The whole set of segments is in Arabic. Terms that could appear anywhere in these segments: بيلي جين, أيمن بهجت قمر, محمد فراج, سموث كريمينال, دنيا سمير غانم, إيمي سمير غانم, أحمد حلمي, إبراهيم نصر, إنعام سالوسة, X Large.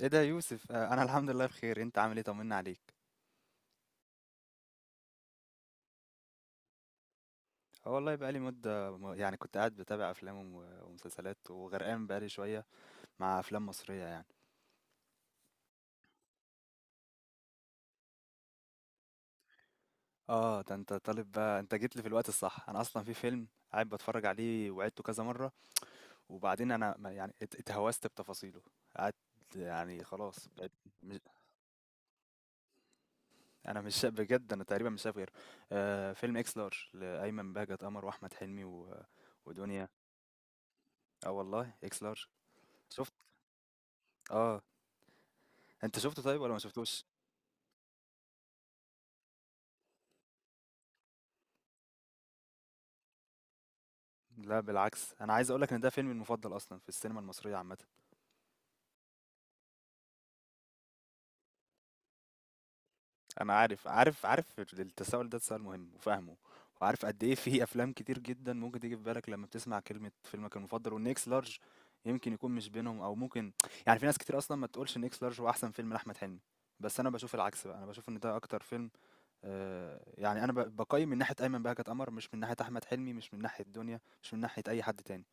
ايه ده يا يوسف، انا الحمد لله بخير، انت عامل ايه، طمنا عليك. اه والله بقالي مدة يعني كنت قاعد بتابع افلام ومسلسلات وغرقان بقالي شوية مع افلام مصرية يعني. اه ده انت طالب بقى، انت جيت لي في الوقت الصح، انا اصلا في فيلم قاعد بتفرج عليه وعدته كذا مرة، وبعدين انا يعني اتهوست بتفاصيله، قعدت، يعني خلاص بقيت. مش انا مش شا- بجد انا تقريبا مش شايف غيره. آه، فيلم اكس لارج لايمن بهجت قمر واحمد حلمي ودنيا. اه والله اكس لارج. شفت. اه. أنت شُفته طيب والّا ما شُفتوش؟ لا بالعكس، أنا عايز أقول لك إن ده فيلمي المفضل أصلًا في السينما المصرية عامةً. أنا عارف، عارف التساؤل ده تساؤل مهم وفاهمه، وعارف قد إيه في أفلام كتير جدًا ممكن تيجي في بالك لمّا بتسمع كلمة فيلمك المفضل، وإن X Large يمكن يكون مش بينهم أو ممكن، يعني في ناس كتير أصلًا ما تقولش إن X Large هو أحسن فيلم لأحمد حلمي، بس أنا باشوف العكس بقى، أنا باشوف إن ده أكتر فيلم. يعني أنا باقيّم من ناحية أيمن بهجت قمر، مش من ناحية أحمد حلمي، مش من ناحية دنيا، مش من ناحية أي حد تاني.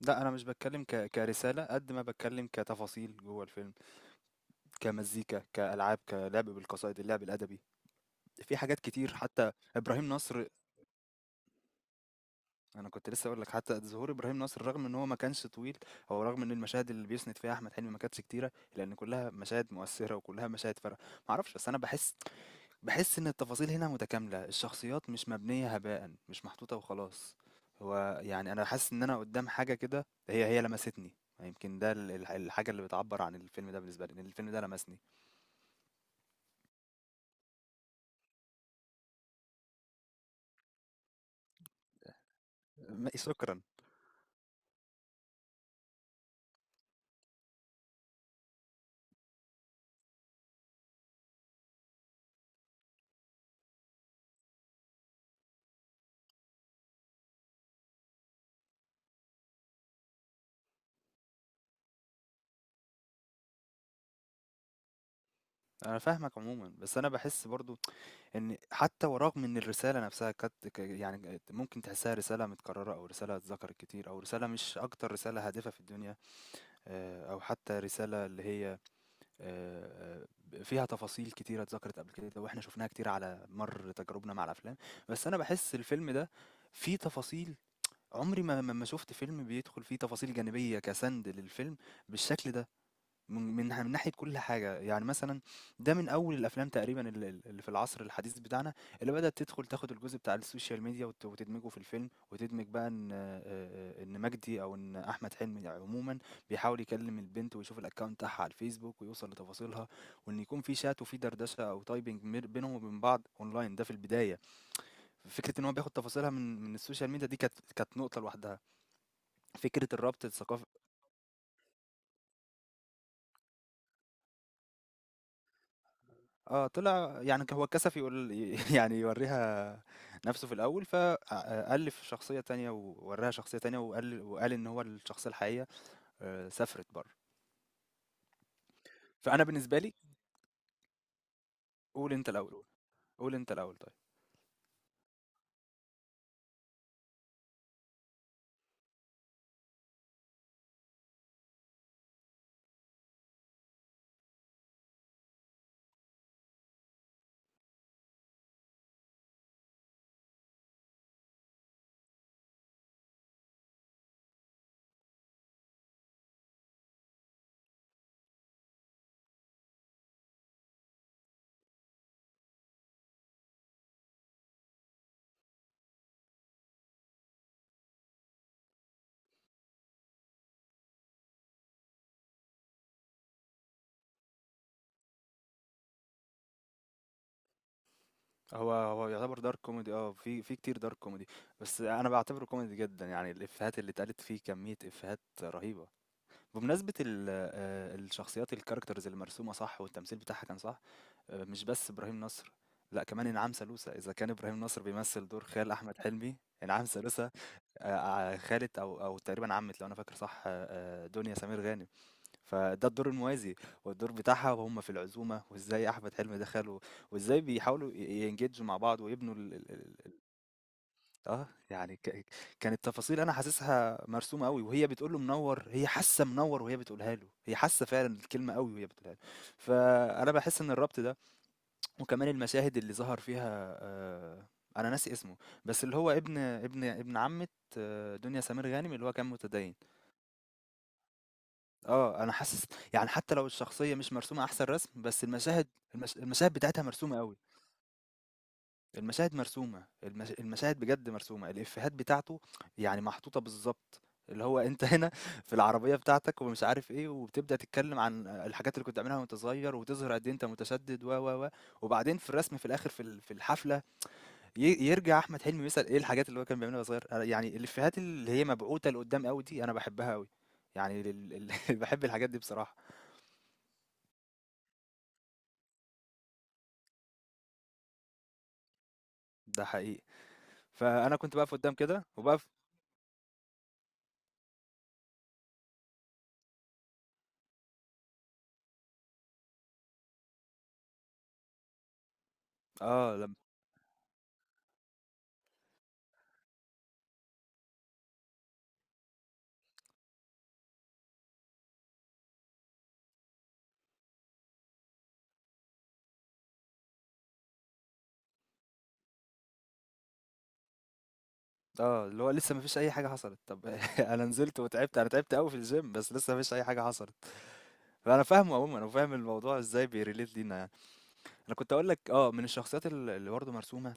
لأ، أنا مش باتكلّم كرسالة قد ما باتكلّم كتفاصيل جوّه الفيلم، كمزيكا، كألعاب، كلعب بالقصائد، اللعب الأدبي، في حاجات كتير، حتى إبراهيم نصر. أنا كنت لسّه هاقول لك حتى ظهور إبراهيم نصر رغم إن هو ما كانش طويل، أو رغم إن المشاهد اللي بيسند فيها أحمد حلمي ما كانتش كتيرة، لإن كلّها مشاهد مؤثّرة وكلّها مشاهد فارقة، ما أعرفش، بس أنا باحس، بحس إن التفاصيل هنا متكاملة، الشخصيات مش مبنية هباء، مش محطوطة وخلاص. هو يعني أنا حاسس إن أنا قدام حاجة كده هي لمستني، يمكن ده الحاجة اللي بتعبر عن الفيلم ده بالنسبة لي، إن الفيلم ده لمسني. شكرا. أنا فاهمك عموما، بس أنا بحس برضو إن حتى ورغم إن الرسالة نفسها كانت يعني ممكن تحسها رسالة متكررة أو رسالة اتذكرت كتير أو رسالة مش أكتر رسالة هادفة في الدنيا، أو حتى رسالة اللي هي، آه، فيها تفاصيل كتيرة اتذكرت قبل كده واحنا شفناها كتير على مر تجاربنا مع الافلام. بس انا بحس الفيلم ده فيه تفاصيل، عمري ما شفت فيلم بيدخل فيه تفاصيل جانبية كسند للفيلم بالشكل ده، من ناحية كل حاجة، يعني مثلا ده من أول الأفلام تقريبا اللي في العصر الحديث بتاعنا، اللي بدأت تدخل تاخد الجزء بتاع السوشيال ميديا وتدمجه في الفيلم، وتدمج بقى إن، إن مجدي أو إن أحمد حلمي عموما بيحاول يكلم البنت ويشوف الأكونت بتاعها على الفيسبوك ويوصل لتفاصيلها، وإن يكون في شات وفي دردشة أو تايبنج بينهم وبين بعض أونلاين، ده في البداية. فكرة إن هو بياخد تفاصيلها من السوشيال ميديا دي كانت، نقطة لوحدها، فكرة الربط الثقافي. طلع يعني هو اتكسف يقول يعني يورّيها نَفْسه في الأول، ف ألِّف شخصية تانية ووراّها شخصية تانية، وقال إن هو الشخصية الحقيقية سافرت برّه. فأنا بالنسبة لي، قُل أنت الأول، قُل أنت الأول طيب. هو يعتبر dark comedy، في كتير dark comedy، بس أنا باعتبره comedy جدًا، يعني الإفيهات اللي اتقالت فيه كمية إفيهات رهيبة. بمناسبة ال الشخصيات الcharacters اللي مرسومة صح والتمثيل بتاعها كان صح، مش بس إبراهيم نصر، لأ كمان إنعام سالوسة، إذا كان إبراهيم نصر بيمثّل دور خال أحمد حلمي، إنعام سالوسة آآ ع خالة أو تقريبًا عمّة لو أنا فاكر صح، دنيا سمير غانم، فده الدور الموازي، والدور بتاعها وهُم في العزومة، وإزاي أحمد حلمي ده خاله، وإزاي بيحاولوا يengage مع بعض ويبنوا ال، يعني كانت تفاصيل أنا حاسسها مرسومة أوي، وهي بتقول له منوّر، هي حاسة منوّر وهي بتقولها له، هي حاسة فعلًا الكلمة أوي وهي بتقولها له، فأنا باحس إن الربط ده، وكمان المشاهد اللي ظهر فيها، أنا ناسي اسمه، بس اللي هو ابن عمة دنيا سمير غانم، اللي هو كان متدين. اه، أنا حاسس يعني حتى لو الشخصية مش مرسومة أحسن رسم، بس المشاهد المشاهد بتاعتها مرسومة قوي، المشاهد مرسومة المشاهد بجد مرسومة، الإفيهات بتاعته يعني محطوطة بالظبط، اللي هو انت هنا في العربية بتاعتك ومش عارف ايه، وبتبدأ تتكلم عن الحاجات اللي كنت عاملها وانت صغير، وتظهر قد ايه انت متشدد و وبعدين في الرسم في الاخر في في الحفلة، يرجع احمد حلمي يسأل ايه الحاجات اللي هو كان بيعملها وهو صغير، يعني الافيهات اللي هي مبعوثة لقدام قوي دي انا بحبها قوي، يعني بحب الحاجات دي بصراحة. ده حقيقي، فانا كنت بقف قدام كده وبقف. اه لم... اه اللي هو لسه ما فيش اي حاجة حصلت، طب انا نزلت وتعبت، انا تعبت قوي في الجيم، بس لسه ما فيش اي حاجة حصلت. فانا فاهمه عموما، انا فاهم الموضوع ازاي بيريليت لينا يعني. انا كنت اقول لك اه من الشخصيات اللي برضه مرسومة،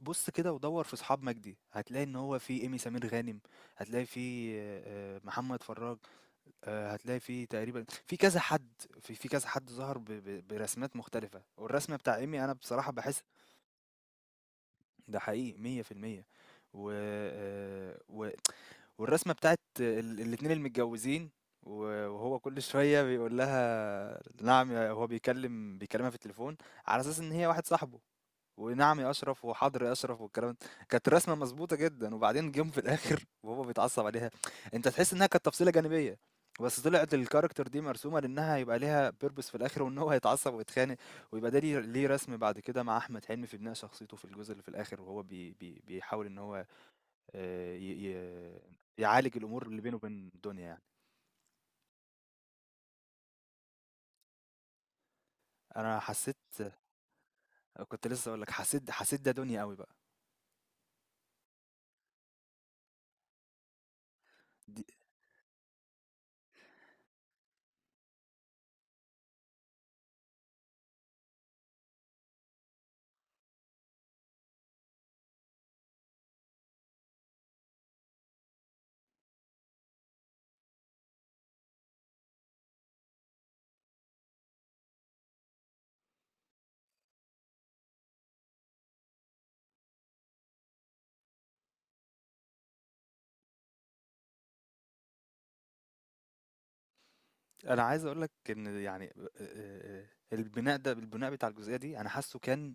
بص كده ودور في اصحاب مجدي هتلاقي ان هو في ايمي سمير غانم، هتلاقي في محمد فراج، هتلاقي في تقريبًا في كذا حد، في كذا حد ظهر ب برسمات مختلفة، والرسمة بتاع إيمي أنا بصراحة باحس ده حقيقي 100%. و والرسمة بتاعة الاتنين المتجوزين، و وهو كل شوية بيقول لها نعم يا هو، بيكلمها في التليفون على أساس إن هي واحد صاحبه. ونعم يا اشرف وحاضر يا اشرف والكلام ده. كانت الرسمه مظبوطه جدا، وبعدين جيم في الاخر وهو بيتعصب عليها، انت تحس انها كانت تفصيله جانبيه، بس طلعت الكاركتر دي مرسومه لانها يبقى ليها بيربس في الاخر وان هو هيتعصب ويتخانق، ويبقى ده ليه رسم بعد كده مع احمد حلمي في بناء شخصيته في الجزء اللي في الاخر، وهو بي بي بيحاول ان هو، آه، ي- ي- يعالج الامور اللي بينه وبين الدنيا يعني. انا حسيت، كنت لسه اقول لك، حسيت ده دنيا قوي بقى. دي أنا عايز أقول لك إن يعني، آآ البناء ده، البناء بتاع الجزئية دي أنا حاسّه كان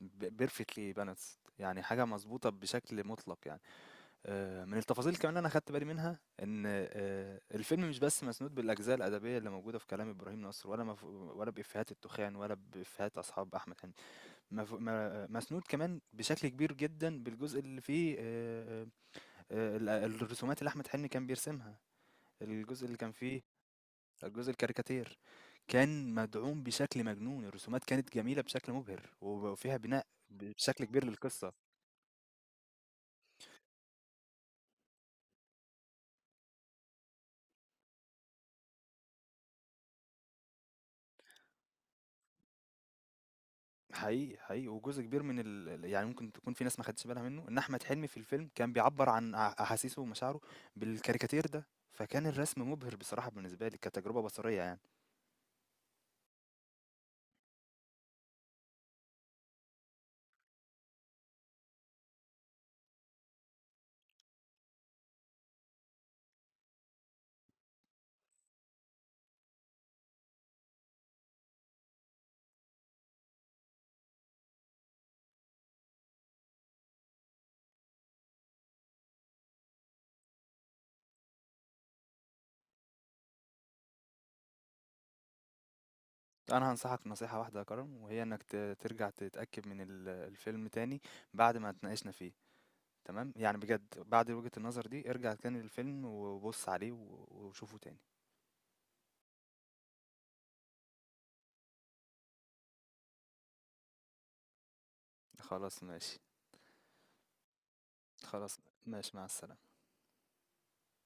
ب perfectly balanced، يعني حاجة مضبوطة بشكل مُطلق يعني. من التفاصيل كمان اللي أنا خدت بالي منها إن الفيلم مش بس مسنود بالأجزاء الأدبية اللي موجودة في كلام إبراهيم نصر، ولا ولا بإفيهات التخان ولا بإفيهات أصحاب أحمد حلمي، ما مسنود كمان بشكل كبير جدًا بالجزء اللي فيه الرسومات اللي أحمد حلمي كان بيرسمها، الجزء اللي كان فيه، الجزء الكاريكاتير، كان مدعوم بشكل مجنون، الرسومات كانت جميلة بشكل مبهر وفيها بناء بشكل كبير للقصة. حقيقي حقيقي، وجزء كبير من يعني ممكن تكون في ناس ما خدتش بالها منه ان احمد حلمي في الفيلم كان بيعبر عن احاسيسه ومشاعره بالكاريكاتير ده، فكان الرسم مبهر بصراحة بالنسبة لي كتجربة بصرية يعني. انا هنصحك نصيحة واحدة يا كرم، وهي انك ترجع تتأكد من الفيلم تاني بعد ما اتناقشنا فيه، تمام يعني، بجد بعد وجهة النظر دي ارجع تاني للفيلم وبص عليه وشوفه تاني. خلاص ماشي. خلاص ماشي، مع السلامة.